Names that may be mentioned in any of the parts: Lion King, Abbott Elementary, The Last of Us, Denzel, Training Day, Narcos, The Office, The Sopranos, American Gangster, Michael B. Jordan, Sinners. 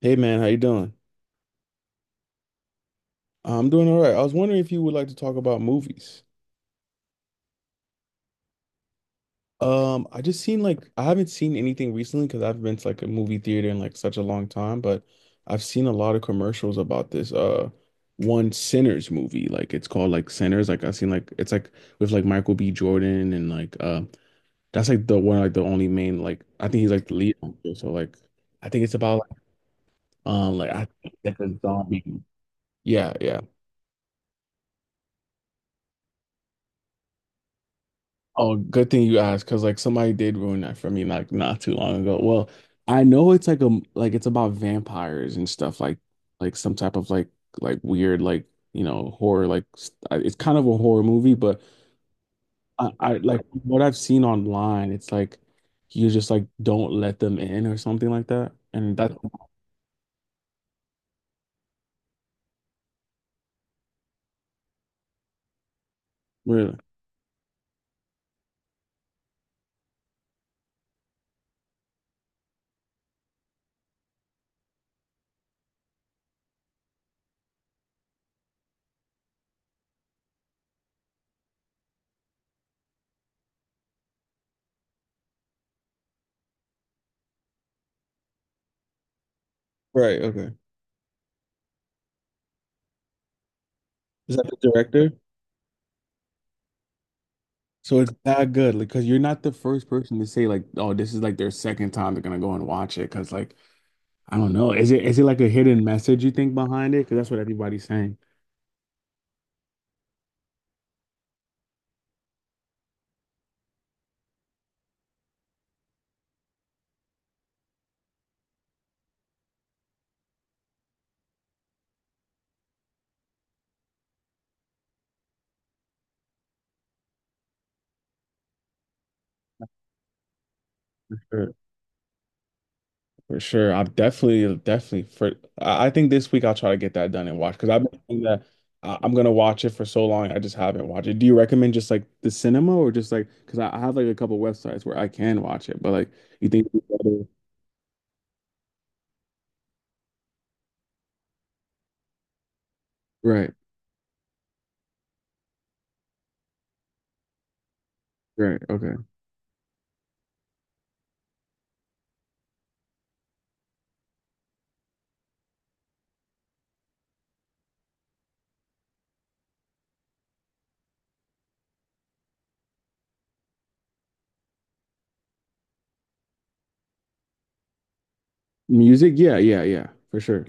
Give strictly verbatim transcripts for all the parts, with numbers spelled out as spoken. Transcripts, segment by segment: Hey man, how you doing? I'm doing all right. I was wondering if you would like to talk about movies. Um, I just seen like I haven't seen anything recently because I haven't been to like a movie theater in like such a long time, but I've seen a lot of commercials about this uh one Sinners movie. Like it's called like Sinners. Like I've seen like it's like with like Michael B. Jordan and like uh that's like the one like the only main like I think he's like the lead actor. So like I think it's about like um like I think like a zombie. Yeah, yeah. Oh, good thing you asked, because like somebody did ruin that for me like not too long ago. Well, I know it's like a like it's about vampires and stuff like like some type of like like weird like you know horror like s- uh, it's kind of a horror movie, but I, I like what I've seen online, it's like you just like don't let them in or something like that, and that's really right. Okay, is that the director? So it's that good, like, because you're not the first person to say like, oh, this is like their second time they're gonna go and watch it, because like. I don't know. Is it is it like a hidden message you think behind it? Because that's what everybody's saying. Sure, for sure. I'm definitely, definitely for. I I think this week I'll try to get that done and watch because I've been thinking that I- I'm gonna watch it for so long. I just haven't watched it. Do you recommend just like the cinema or just like because I I have like a couple websites where I can watch it, but like you think right, right, okay. Music, yeah, yeah, yeah, for sure.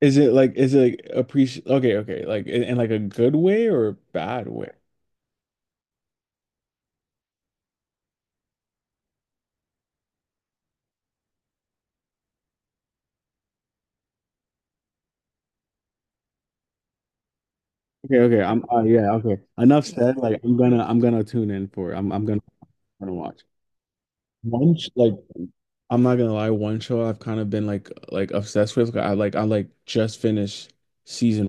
Is it like is it like appreciate? Okay, okay, like in, in like a good way or a bad way? Okay, okay. I'm uh yeah, okay. Enough said. Like I'm gonna I'm gonna tune in for it. I'm I'm gonna gonna watch. One sh- like I'm not gonna lie, one show I've kind of been like like obsessed with. Like, I like I like just finished season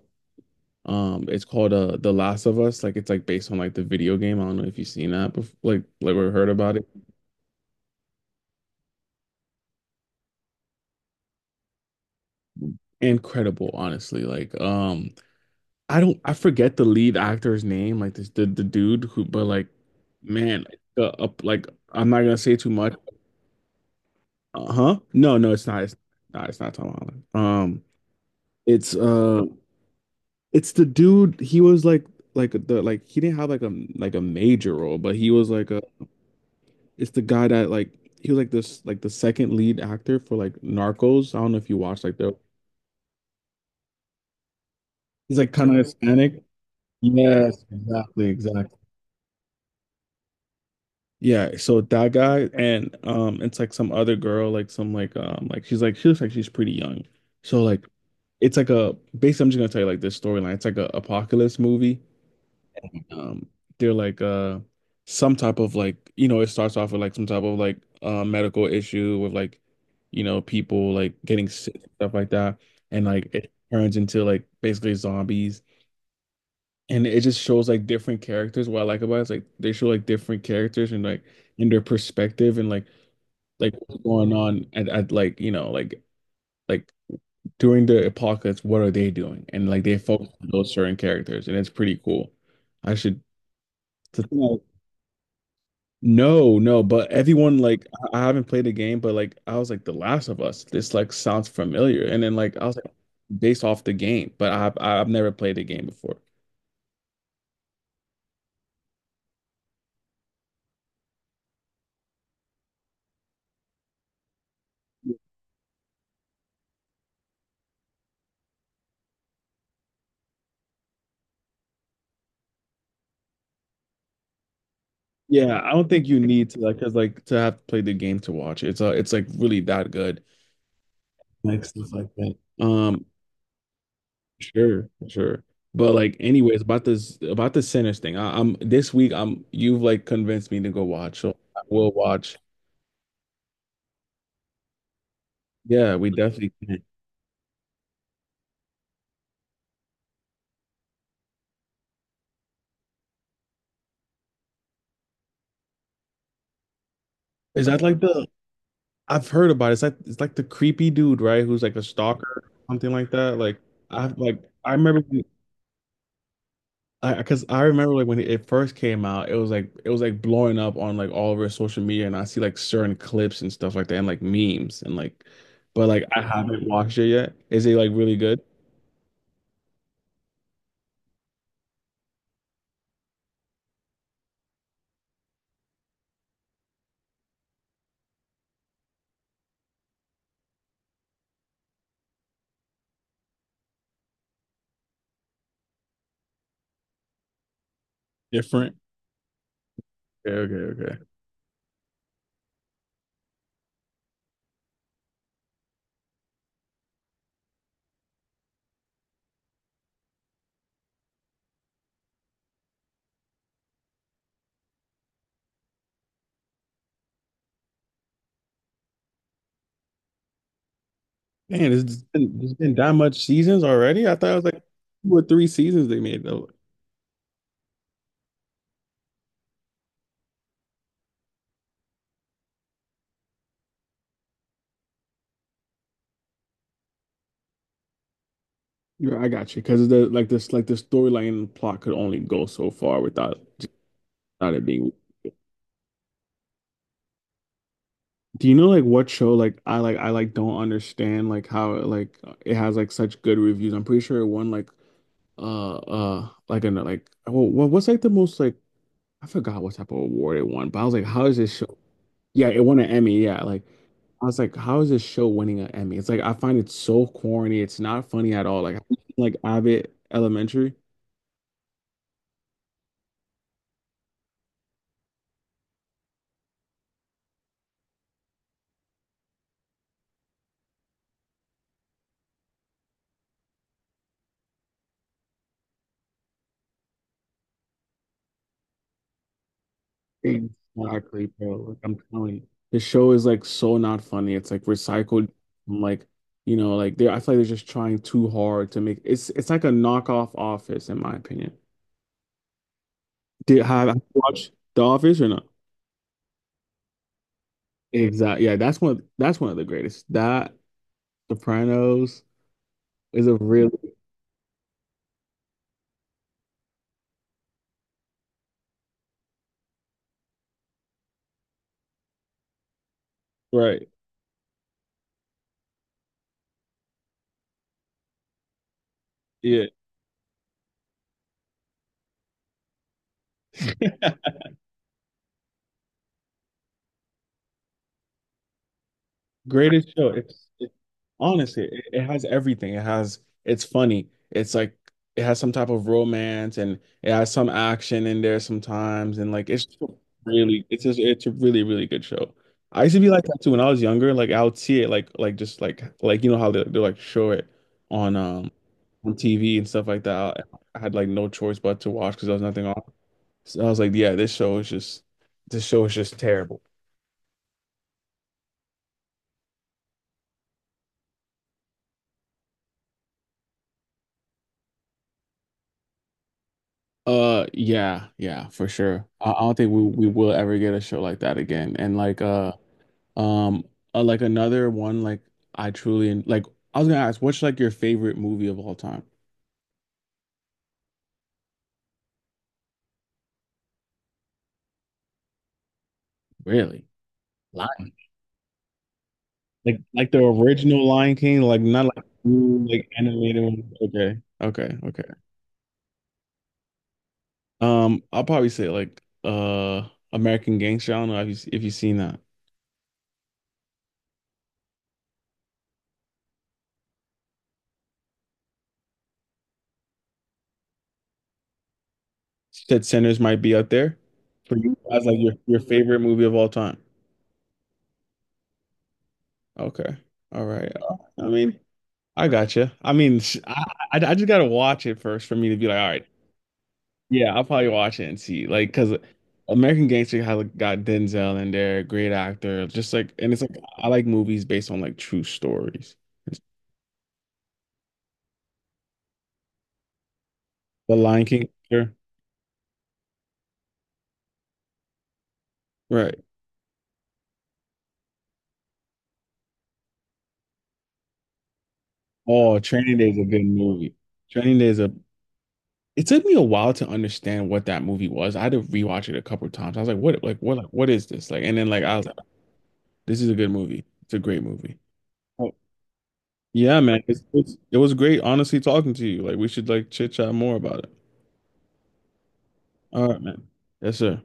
um it's called uh The Last of Us. Like it's like based on like the video game. I don't know if you've seen that before like like or heard about it. Incredible, honestly. Like um I don't I forget the lead actor's name, like this the the dude who but like man, like, uh, up like I'm not gonna say too much. Uh huh. No, no, it's not. It's not. It's not Tom Holland. Um, it's uh, it's the dude. He was like, like the like he didn't have like a like a major role, but he was like a. It's the guy that like he was like this like the second lead actor for like Narcos. I don't know if you watched like the. He's like kind of Hispanic. Yes, exactly, exactly. Yeah, so that guy and um it's like some other girl, like some like um like she's like she looks like she's pretty young. So like it's like a basically I'm just gonna tell you like this storyline. It's like a apocalypse movie. Um they're like uh some type of like you know, it starts off with like some type of like uh medical issue with like you know people like getting sick and stuff like that and like it turns into like basically zombies and it just shows like different characters. What I like about it is like they show like different characters and like in their perspective and like like what's going on at, at like you know like like during the apocalypse what are they doing and like they focus on those certain characters and it's pretty cool. I should the thing I- no no but everyone like I I haven't played the game but like I was like The Last of Us this like sounds familiar and then like I was like based off the game but I've I've never played the game before yeah I don't think you need to like because like to have played the game to watch it. It's uh, it's like really that good like stuff like that um. Sure, sure. But like, anyways, about this about the Sinners thing. I, I'm this week. I'm you've like convinced me to go watch, so I will watch. Yeah, we definitely can. Is that like the I've heard about it. It's like it's like the creepy dude, right? Who's like a stalker, something like that. Like I've like I remember because I because I remember like when it first came out, it was like it was like blowing up on like all over social media, and I see like certain clips and stuff like that, and like memes and like, but like I haven't watched it yet. Is it like really good? Different? Okay, okay, okay. Man, it's has been, it's been that much seasons already. I thought it was like two or three seasons they made though. Yeah, I got you. Because the like this like the storyline and plot could only go so far without without it being. Do you know like what show like I like I like don't understand like how it, like it has like such good reviews. I'm pretty sure it won like uh uh like an like oh what what's like the most like I forgot what type of award it won, but I was like, how is this show? Yeah, it won an Emmy. Yeah, like I was like, how is this show winning an Emmy? It's like I find it so corny. It's not funny at all. Like like Abbott Elementary. Exactly, bro. Like I'm telling you, the show is like so not funny. It's like recycled, like you know, like they. I feel like they're just trying too hard to make. It's it's like a knockoff Office, in my opinion. Did have, have you watched The Office or not? Exactly. Yeah, that's one. That's one of the greatest. That Sopranos is a real right. Yeah. Greatest show. It's it, honestly, it, it has everything. It has it's funny. It's like it has some type of romance and it has some action in there sometimes and like it's really it's just it's a really really good show. I used to be like that too when I was younger. Like I would see it like like just like like you know how they they like show it on um on T V and stuff like that. I, I had like no choice but to watch because there was nothing on. So I was like, yeah, this show is just this show is just terrible. Uh, yeah, yeah, for sure. I, I don't think we we will ever get a show like that again. And like uh, um, uh, like another one like I truly en- like. I was gonna ask, what's like your favorite movie of all time? Really? Lion. Like like the original Lion King, like not like new, like animated one. Okay, okay, okay. Um, I'll probably say like uh American Gangster. I don't know if you if you've seen that. You said Sinners might be up there for you as like your your favorite movie of all time. Okay. All right. Uh, I mean, I gotcha. I mean, sh- I, I I just gotta watch it first for me to be like, all right, yeah, I'll probably watch it and see, like, because American Gangster has like, got Denzel in there, great actor, just like, and it's like I like movies based on like true stories. The Lion King, sure. Right. Oh, Training Day is a good movie. Training Day is a. It took me a while to understand what that movie was. I had to rewatch it a couple of times. I was like, what, like, what, like, what is this? Like, and then like I was like, this is a good movie. It's a great movie. Yeah, man. It's, it's, it was great, honestly, talking to you. Like, we should like chit chat more about it. All right, man. Yes, sir.